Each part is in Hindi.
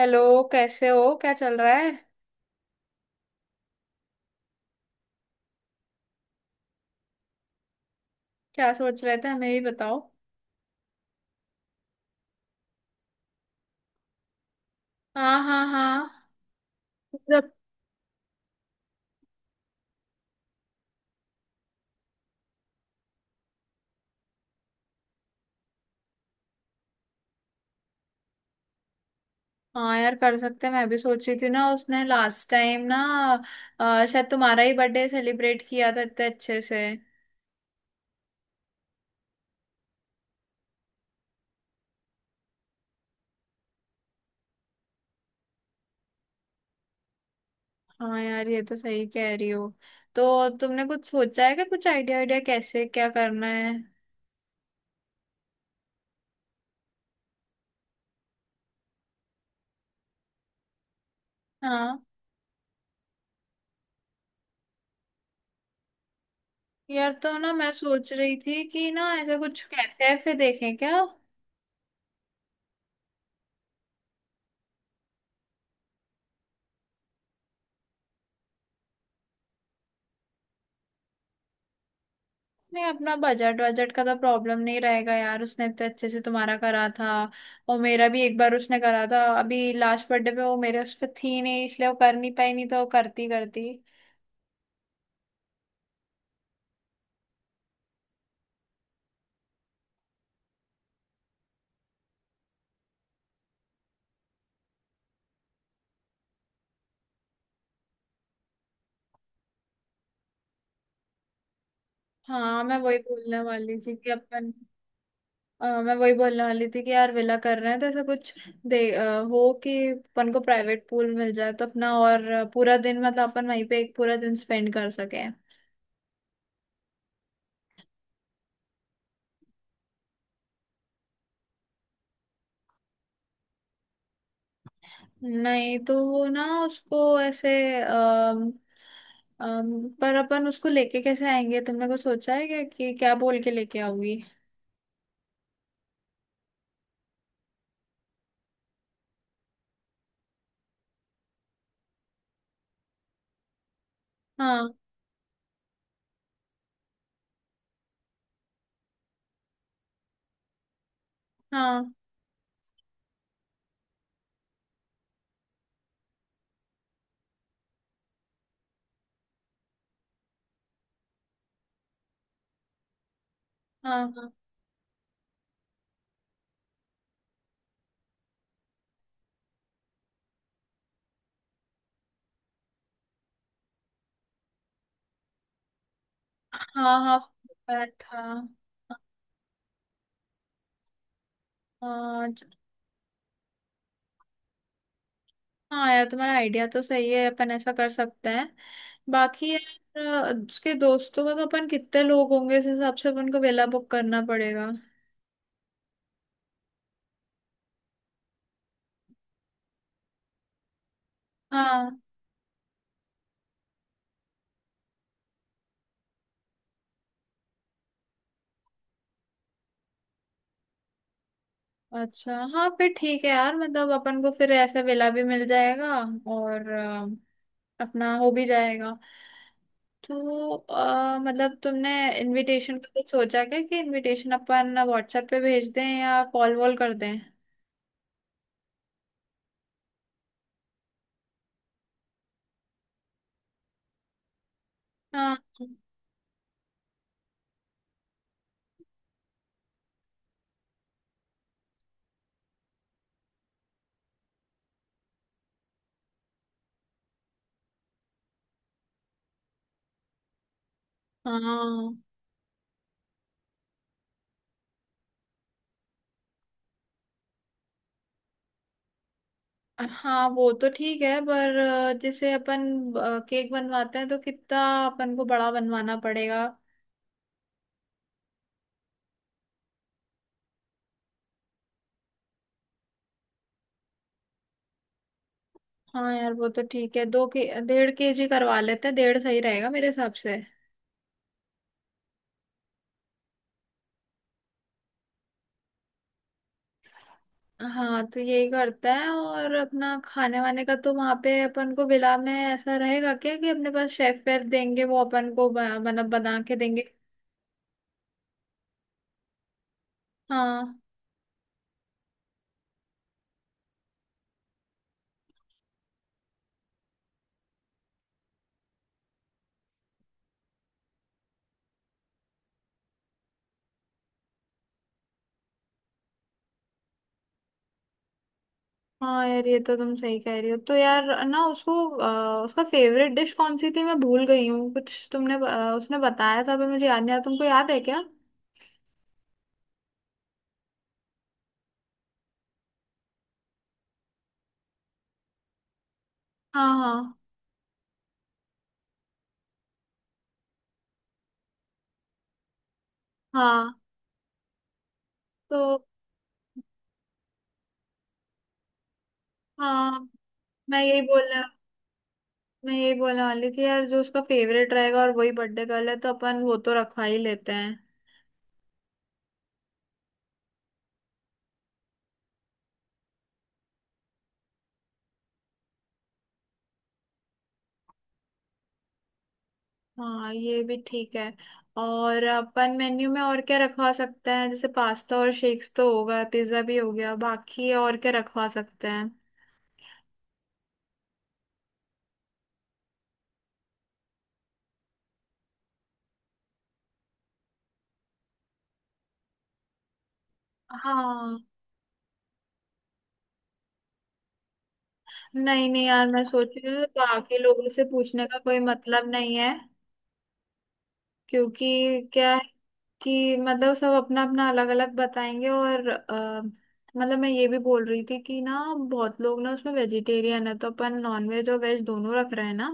हेलो। कैसे हो? क्या चल रहा है? क्या सोच रहे थे, हमें भी बताओ। हाँ हाँ हाँ। हाँ यार, कर सकते हैं। मैं भी सोच रही थी ना, उसने लास्ट टाइम ना, शायद तुम्हारा ही बर्थडे सेलिब्रेट किया था इतने अच्छे से। हाँ यार, ये तो सही कह रही हो। तो तुमने कुछ सोचा है क्या? कुछ आइडिया आइडिया कैसे क्या करना है? हाँ यार, तो ना मैं सोच रही थी कि ना ऐसा कुछ कैफे वैफे देखें क्या। नहीं, अपना बजट बजट का तो प्रॉब्लम नहीं रहेगा यार, उसने इतने अच्छे से तुम्हारा करा था। और मेरा भी एक बार उसने करा था, अभी लास्ट बर्थडे पे वो मेरे उस पर थी नहीं इसलिए वो कर नहीं पाई, नहीं तो वो करती करती। हाँ, मैं वही बोलने वाली थी कि अपन मैं वही बोलने वाली थी कि यार विला कर रहे हैं तो ऐसा कुछ दे हो कि अपन को प्राइवेट पूल मिल जाए तो अपना, और पूरा दिन मतलब अपन वहीं पे एक पूरा दिन स्पेंड कर सके। नहीं तो वो ना उसको ऐसे अम, पर अपन उसको लेके कैसे आएंगे? तुमने कुछ सोचा है क्या कि क्या बोल के लेके आओगी? हाँ हाँ। हाँ हाँ। हाँ हाँ। पता था। हाँ च- हाँ यार, तुम्हारा आइडिया तो सही है, अपन ऐसा कर सकते हैं। बाकी यार, उसके दोस्तों का तो अपन कितने लोग होंगे उस हिसाब से अपन को वेला बुक करना पड़ेगा। हाँ। अच्छा, हाँ फिर ठीक है यार, मतलब अपन को फिर ऐसे वेला भी मिल जाएगा और अपना हो भी जाएगा। तो मतलब तुमने इनविटेशन का कुछ सोचा क्या कि इनविटेशन अपन व्हाट्सएप पे भेज दें या कॉल वॉल कर दें? हाँ। हाँ। हाँ वो तो ठीक है, पर जैसे अपन केक बनवाते हैं तो कितना अपन को बड़ा बनवाना पड़ेगा? हाँ यार, वो तो ठीक है, दो के डेढ़ केजी करवा लेते हैं, डेढ़ सही रहेगा मेरे हिसाब से। हाँ तो यही करता है। और अपना खाने वाने का तो वहां पे अपन को विला में ऐसा रहेगा क्या कि अपने पास शेफ वेफ देंगे वो अपन को मतलब बना के देंगे। हाँ हाँ। यार ये तो तुम सही कह रही हो। तो यार ना, उसको उसका फेवरेट डिश कौन सी थी मैं भूल गई हूँ कुछ, तुमने उसने बताया था पर मुझे याद नहीं आया, तुमको याद है क्या? हाँ हाँ। हाँ। तो हाँ, मैं यही बोलने मैं यही बोलने वाली थी यार, जो उसका फेवरेट रहेगा और वही बर्थडे गर्ल है तो अपन वो तो रखवा ही लेते हैं। हाँ ये भी ठीक है। और अपन मेन्यू में और क्या रखवा सकते हैं? जैसे पास्ता और शेक्स तो होगा, पिज्जा भी हो गया, बाकी और क्या रखवा सकते हैं? हाँ। नहीं नहीं यार, मैं सोच रही हूँ बाकी लोगों से पूछने का कोई मतलब नहीं है, क्योंकि क्या है कि मतलब सब अपना अपना अलग अलग बताएंगे। और मतलब मैं ये भी बोल रही थी कि ना बहुत लोग ना उसमें वेजिटेरियन है, तो अपन नॉन वेज और वेज दोनों रख रहे हैं ना।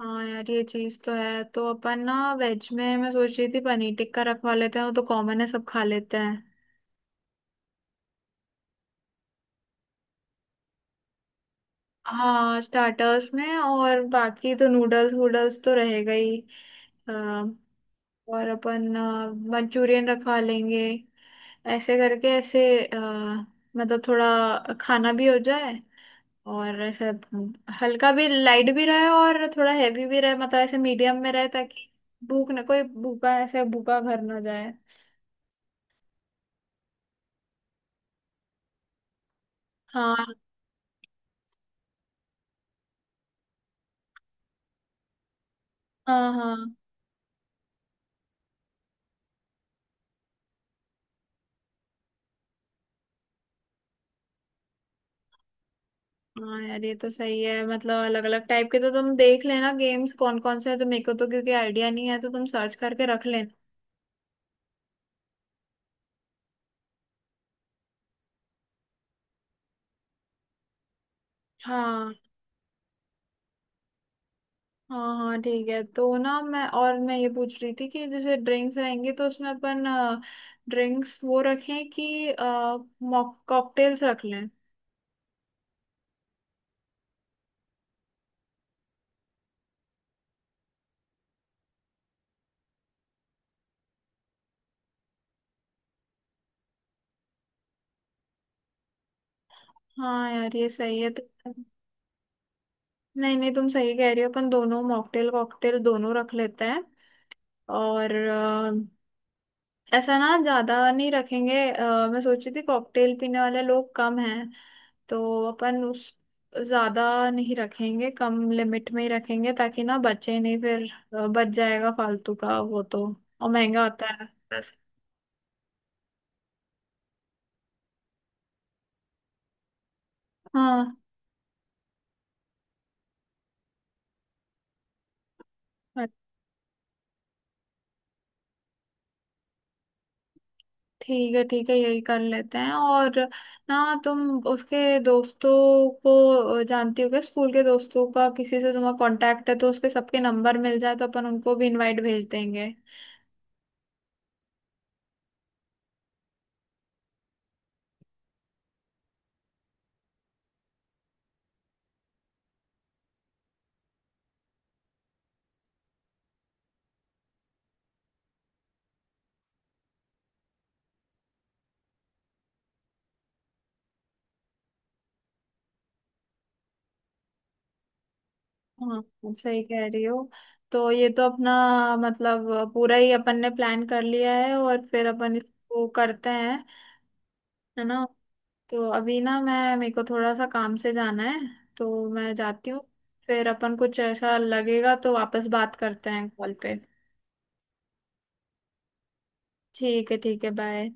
हाँ यार ये चीज तो है। तो अपन ना वेज में, मैं सोच रही थी पनीर टिक्का रखवा लेते हैं, वो तो कॉमन है सब खा लेते हैं। हाँ स्टार्टर्स में। और बाकी तो नूडल्स वूडल्स तो रहेगा ही। अ, और अपन मंचूरियन रखवा लेंगे, ऐसे करके। ऐसे मतलब थोड़ा खाना भी हो जाए, और ऐसे हल्का भी लाइट भी रहे और थोड़ा हैवी भी रहे, मतलब ऐसे मीडियम में रहे, ताकि भूख ना कोई भूखा ऐसे भूखा घर ना जाए। हाँ। हाँ हाँ। हाँ यार ये तो सही है, मतलब अलग अलग टाइप के, तो तुम देख लेना गेम्स कौन कौन से हैं, तो मेरे को तो क्योंकि आइडिया नहीं है, तो तुम सर्च करके रख लेना। हाँ। हाँ हाँ ठीक है। तो ना मैं, और मैं ये पूछ रही थी कि जैसे ड्रिंक्स रहेंगे, तो उसमें अपन ड्रिंक्स वो रखें कि कॉकटेल्स रख लें? हाँ यार ये सही है। तो नहीं नहीं, तुम सही कह रही हो, अपन दोनों मॉकटेल कॉकटेल दोनों रख लेते हैं। और ऐसा ना ज्यादा नहीं रखेंगे, मैं सोच रही थी कॉकटेल पीने वाले लोग कम हैं, तो अपन उस ज्यादा नहीं रखेंगे, कम लिमिट में ही रखेंगे, ताकि ना बचे नहीं फिर। बच जाएगा फालतू का, वो तो और महंगा होता है वैसे। हाँ। हाँ, ठीक है ठीक है, यही कर लेते हैं। और ना तुम उसके दोस्तों को जानती हो क्या, स्कूल के दोस्तों का किसी से तुम्हारा कांटेक्ट है तो उसके सबके नंबर मिल जाए तो अपन उनको भी इनवाइट भेज देंगे। हाँ आप सही कह रही हो, तो ये तो अपना मतलब पूरा ही अपन ने प्लान कर लिया है। और फिर अपन इसको करते हैं, है ना? तो अभी ना मैं, मेरे को थोड़ा सा काम से जाना है, तो मैं जाती हूँ। फिर अपन कुछ ऐसा लगेगा तो वापस बात करते हैं कॉल पे। ठीक है, ठीक है, बाय।